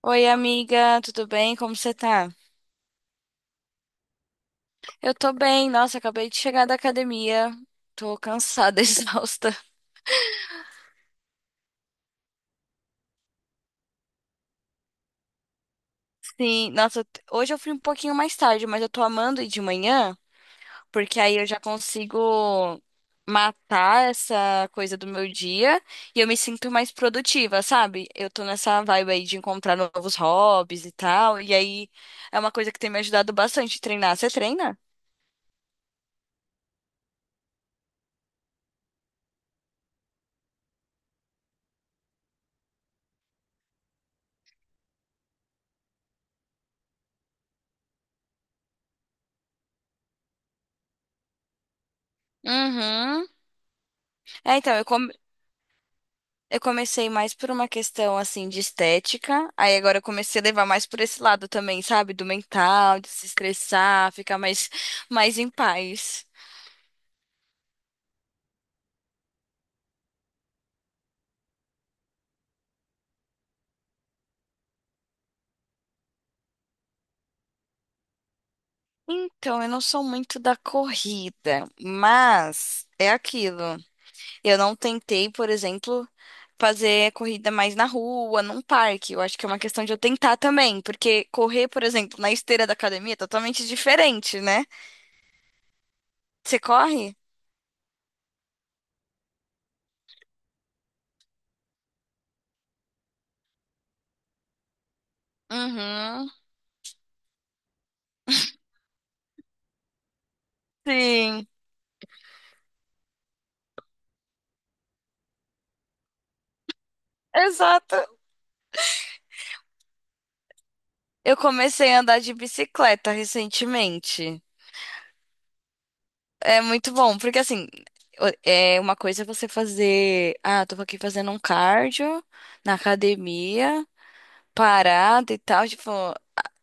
Oi, amiga, tudo bem? Como você tá? Eu tô bem, nossa, acabei de chegar da academia. Tô cansada, exausta. Sim, nossa, hoje eu fui um pouquinho mais tarde, mas eu tô amando ir de manhã, porque aí eu já consigo matar essa coisa do meu dia e eu me sinto mais produtiva, sabe? Eu tô nessa vibe aí de encontrar novos hobbies e tal, e aí é uma coisa que tem me ajudado bastante a treinar. Você treina? Uhum. É, então, eu comecei mais por uma questão assim de estética, aí agora eu comecei a levar mais por esse lado também, sabe? Do mental, de se estressar, ficar mais em paz. Então, eu não sou muito da corrida, mas é aquilo. Eu não tentei, por exemplo, fazer corrida mais na rua, num parque. Eu acho que é uma questão de eu tentar também, porque correr, por exemplo, na esteira da academia é totalmente diferente, né? Você corre? Uhum. Sim, exato. Eu comecei a andar de bicicleta recentemente. É muito bom, porque assim, é uma coisa é você fazer, ah, tô aqui fazendo um cardio na academia, parada e tal, tipo, ah,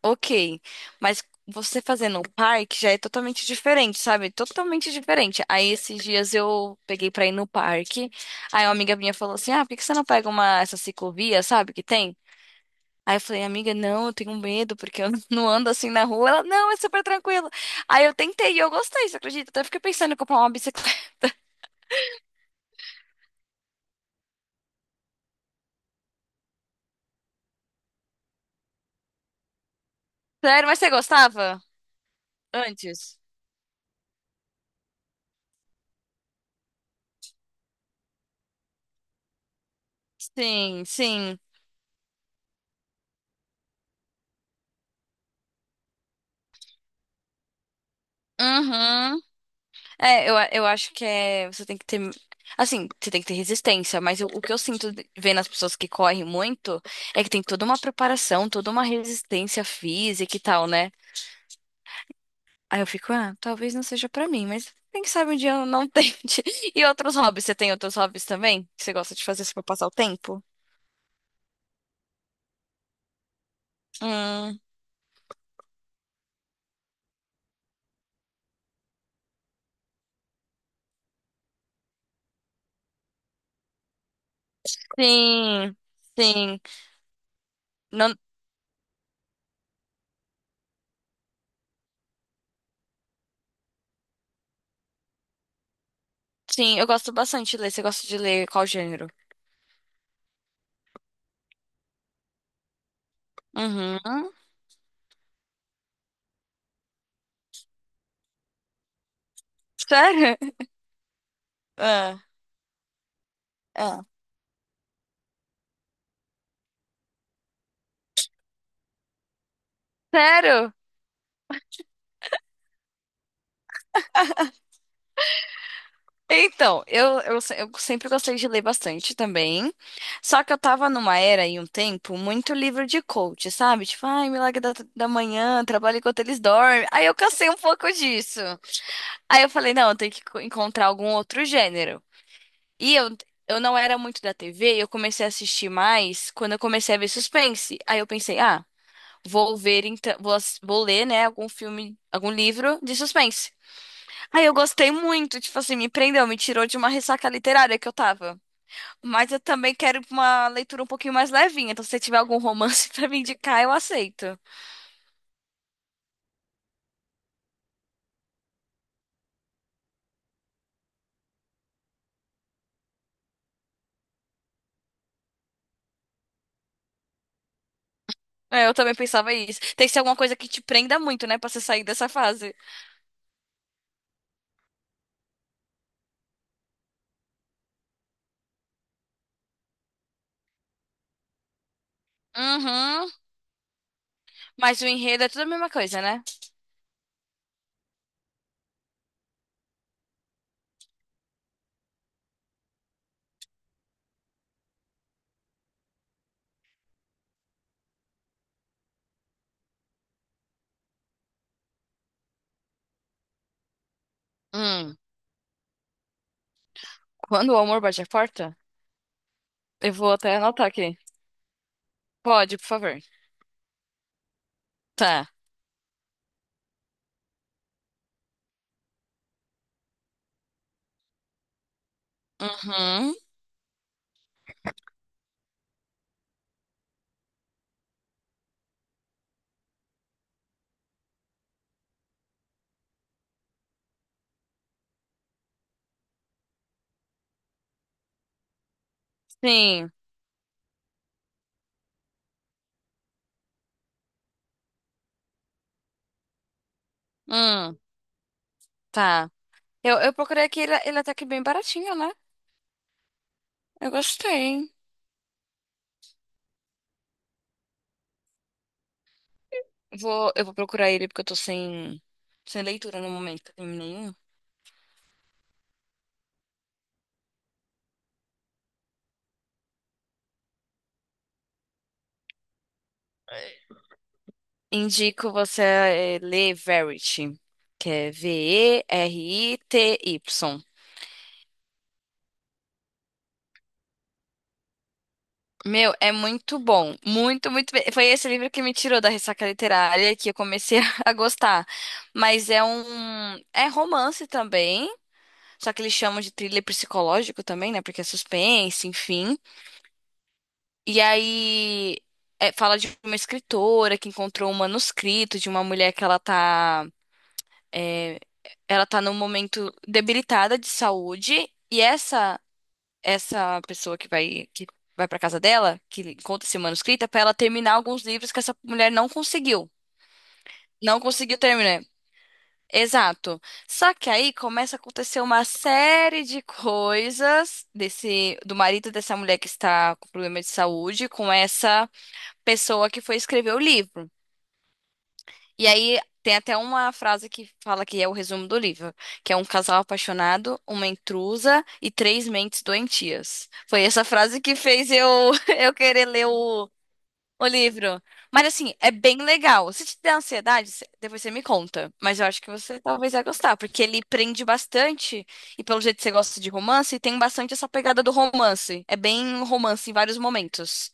ok. Mas você fazendo um parque já é totalmente diferente, sabe? Totalmente diferente. Aí esses dias eu peguei pra ir no parque, aí uma amiga minha falou assim, ah, por que que você não pega uma, essa ciclovia, sabe, que tem? Aí eu falei, amiga, não, eu tenho medo, porque eu não ando assim na rua. Ela, não, é super tranquilo. Aí eu tentei e eu gostei, você acredita? Até fiquei pensando em comprar uma bicicleta. Sério, mas você gostava? Antes? Sim, sim. Uhum. É, eu acho que é, você tem que ter. Assim, você tem que ter resistência, mas o que eu sinto vendo as pessoas que correm muito é que tem toda uma preparação, toda uma resistência física e tal, né? Aí eu fico, ah, talvez não seja pra mim, mas quem sabe um dia eu não tente. E outros hobbies? Você tem outros hobbies também? Que você gosta de fazer só pra passar o tempo? Hum, sim, sim. Não, sim, eu gosto bastante de ler. Você gosta de ler qual gênero? Uhum. Sério? Ah, ah. Sério? Então, eu, se- eu sempre gostei de ler bastante também. Só que eu tava numa era e um tempo muito livro de coach, sabe? Tipo, ai, Milagre da Manhã, Trabalho Enquanto Eles Dormem. Aí eu cansei um pouco disso. Aí eu falei, não, eu tenho que encontrar algum outro gênero. E eu não era muito da TV, eu comecei a assistir mais quando eu comecei a ver suspense. Aí eu pensei, ah, vou ver, então, vou ler, né, algum filme, algum livro de suspense. Aí eu gostei muito, tipo assim, me prendeu, me tirou de uma ressaca literária que eu tava. Mas eu também quero uma leitura um pouquinho mais levinha, então se você tiver algum romance pra me indicar, eu aceito. É, eu também pensava isso. Tem que ser alguma coisa que te prenda muito, né, pra você sair dessa fase. Uhum. Mas o enredo é tudo a mesma coisa, né? Hum. Quando o amor bate a porta, eu vou até anotar aqui. Pode, por favor. Tá. Uhum. Sim. Hum. Tá. Eu procurei aqui, ele é até que bem baratinho, né? Eu gostei. Eu vou procurar ele porque eu tô sem leitura no momento. Terminei um. Indico você ler Verity, que é Verity. Meu, é muito bom. Muito, muito bem. Foi esse livro que me tirou da ressaca literária que eu comecei a gostar. Mas é um. É romance também. Só que eles chamam de thriller psicológico também, né? Porque é suspense, enfim. E aí é, fala de uma escritora que encontrou um manuscrito de uma mulher que é, ela tá num momento debilitada de saúde, e essa pessoa que vai para casa dela, que encontra esse manuscrito, é para ela terminar alguns livros que essa mulher não conseguiu. Não conseguiu terminar. Exato. Só que aí começa a acontecer uma série de coisas desse do marido dessa mulher que está com problema de saúde, com essa pessoa que foi escrever o livro. E aí tem até uma frase que fala que é o resumo do livro, que é um casal apaixonado, uma intrusa e três mentes doentias. Foi essa frase que fez eu eu querer ler o livro. Mas assim, é bem legal. Se te der ansiedade, depois você me conta. Mas eu acho que você talvez vai gostar, porque ele prende bastante, e pelo jeito você gosta de romance, tem bastante essa pegada do romance. É bem romance em vários momentos.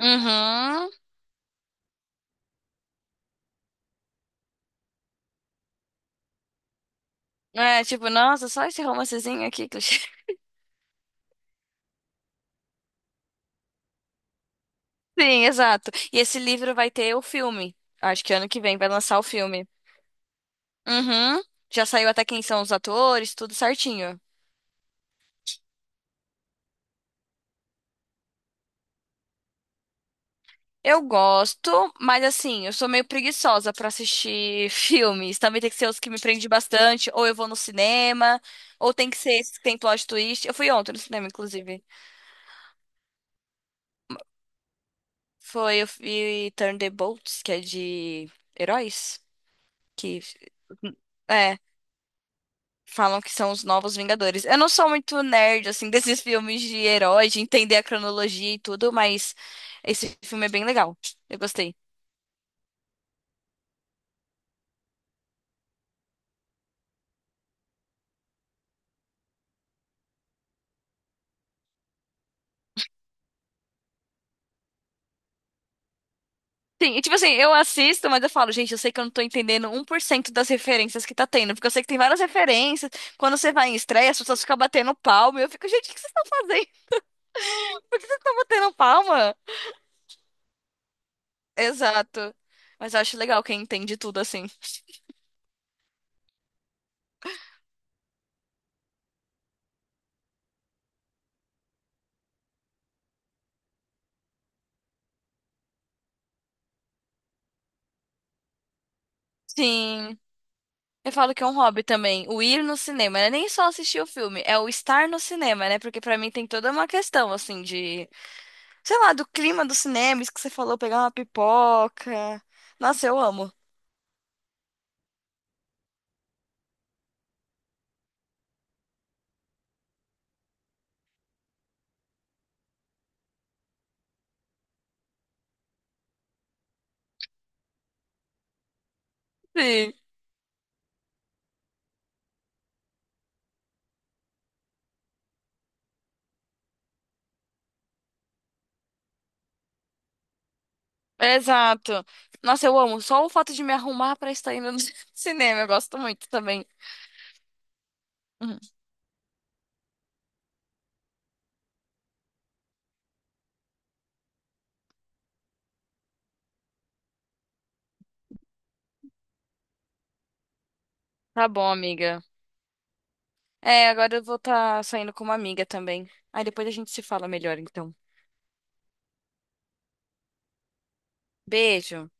Uhum. É, tipo, nossa, só esse romancezinho aqui, clichê. Sim, exato. E esse livro vai ter o filme. Acho que ano que vem vai lançar o filme. Uhum. Já saiu até quem são os atores, tudo certinho. Eu gosto, mas assim, eu sou meio preguiçosa pra assistir filmes. Também tem que ser os que me prendem bastante, ou eu vou no cinema, ou tem que ser esses que tem plot twist. Eu fui ontem no cinema, inclusive. Foi, eu vi Thunderbolts, que é de heróis. Que, é. Falam que são os novos Vingadores. Eu não sou muito nerd, assim, desses filmes de herói, de entender a cronologia e tudo, mas esse filme é bem legal. Eu gostei. Sim, e tipo assim, eu assisto, mas eu falo, gente, eu sei que eu não tô entendendo 1% das referências que tá tendo, porque eu sei que tem várias referências. Quando você vai em estreia, as pessoas ficam batendo palma, e eu fico, gente, o que vocês estão fazendo? Por que vocês estão batendo palma? Exato. Mas eu acho legal quem entende tudo assim. Sim. Eu falo que é um hobby também, o ir no cinema, né? Nem só assistir o filme, é o estar no cinema, né? Porque pra mim tem toda uma questão, assim, de, sei lá, do clima do cinema, isso que você falou, pegar uma pipoca. Nossa, eu amo. Sim, exato. Nossa, eu amo. Só o fato de me arrumar pra estar indo no cinema, eu gosto muito também. Uhum. Tá bom, amiga. É, agora eu vou estar saindo com uma amiga também. Aí depois a gente se fala melhor, então. Beijo.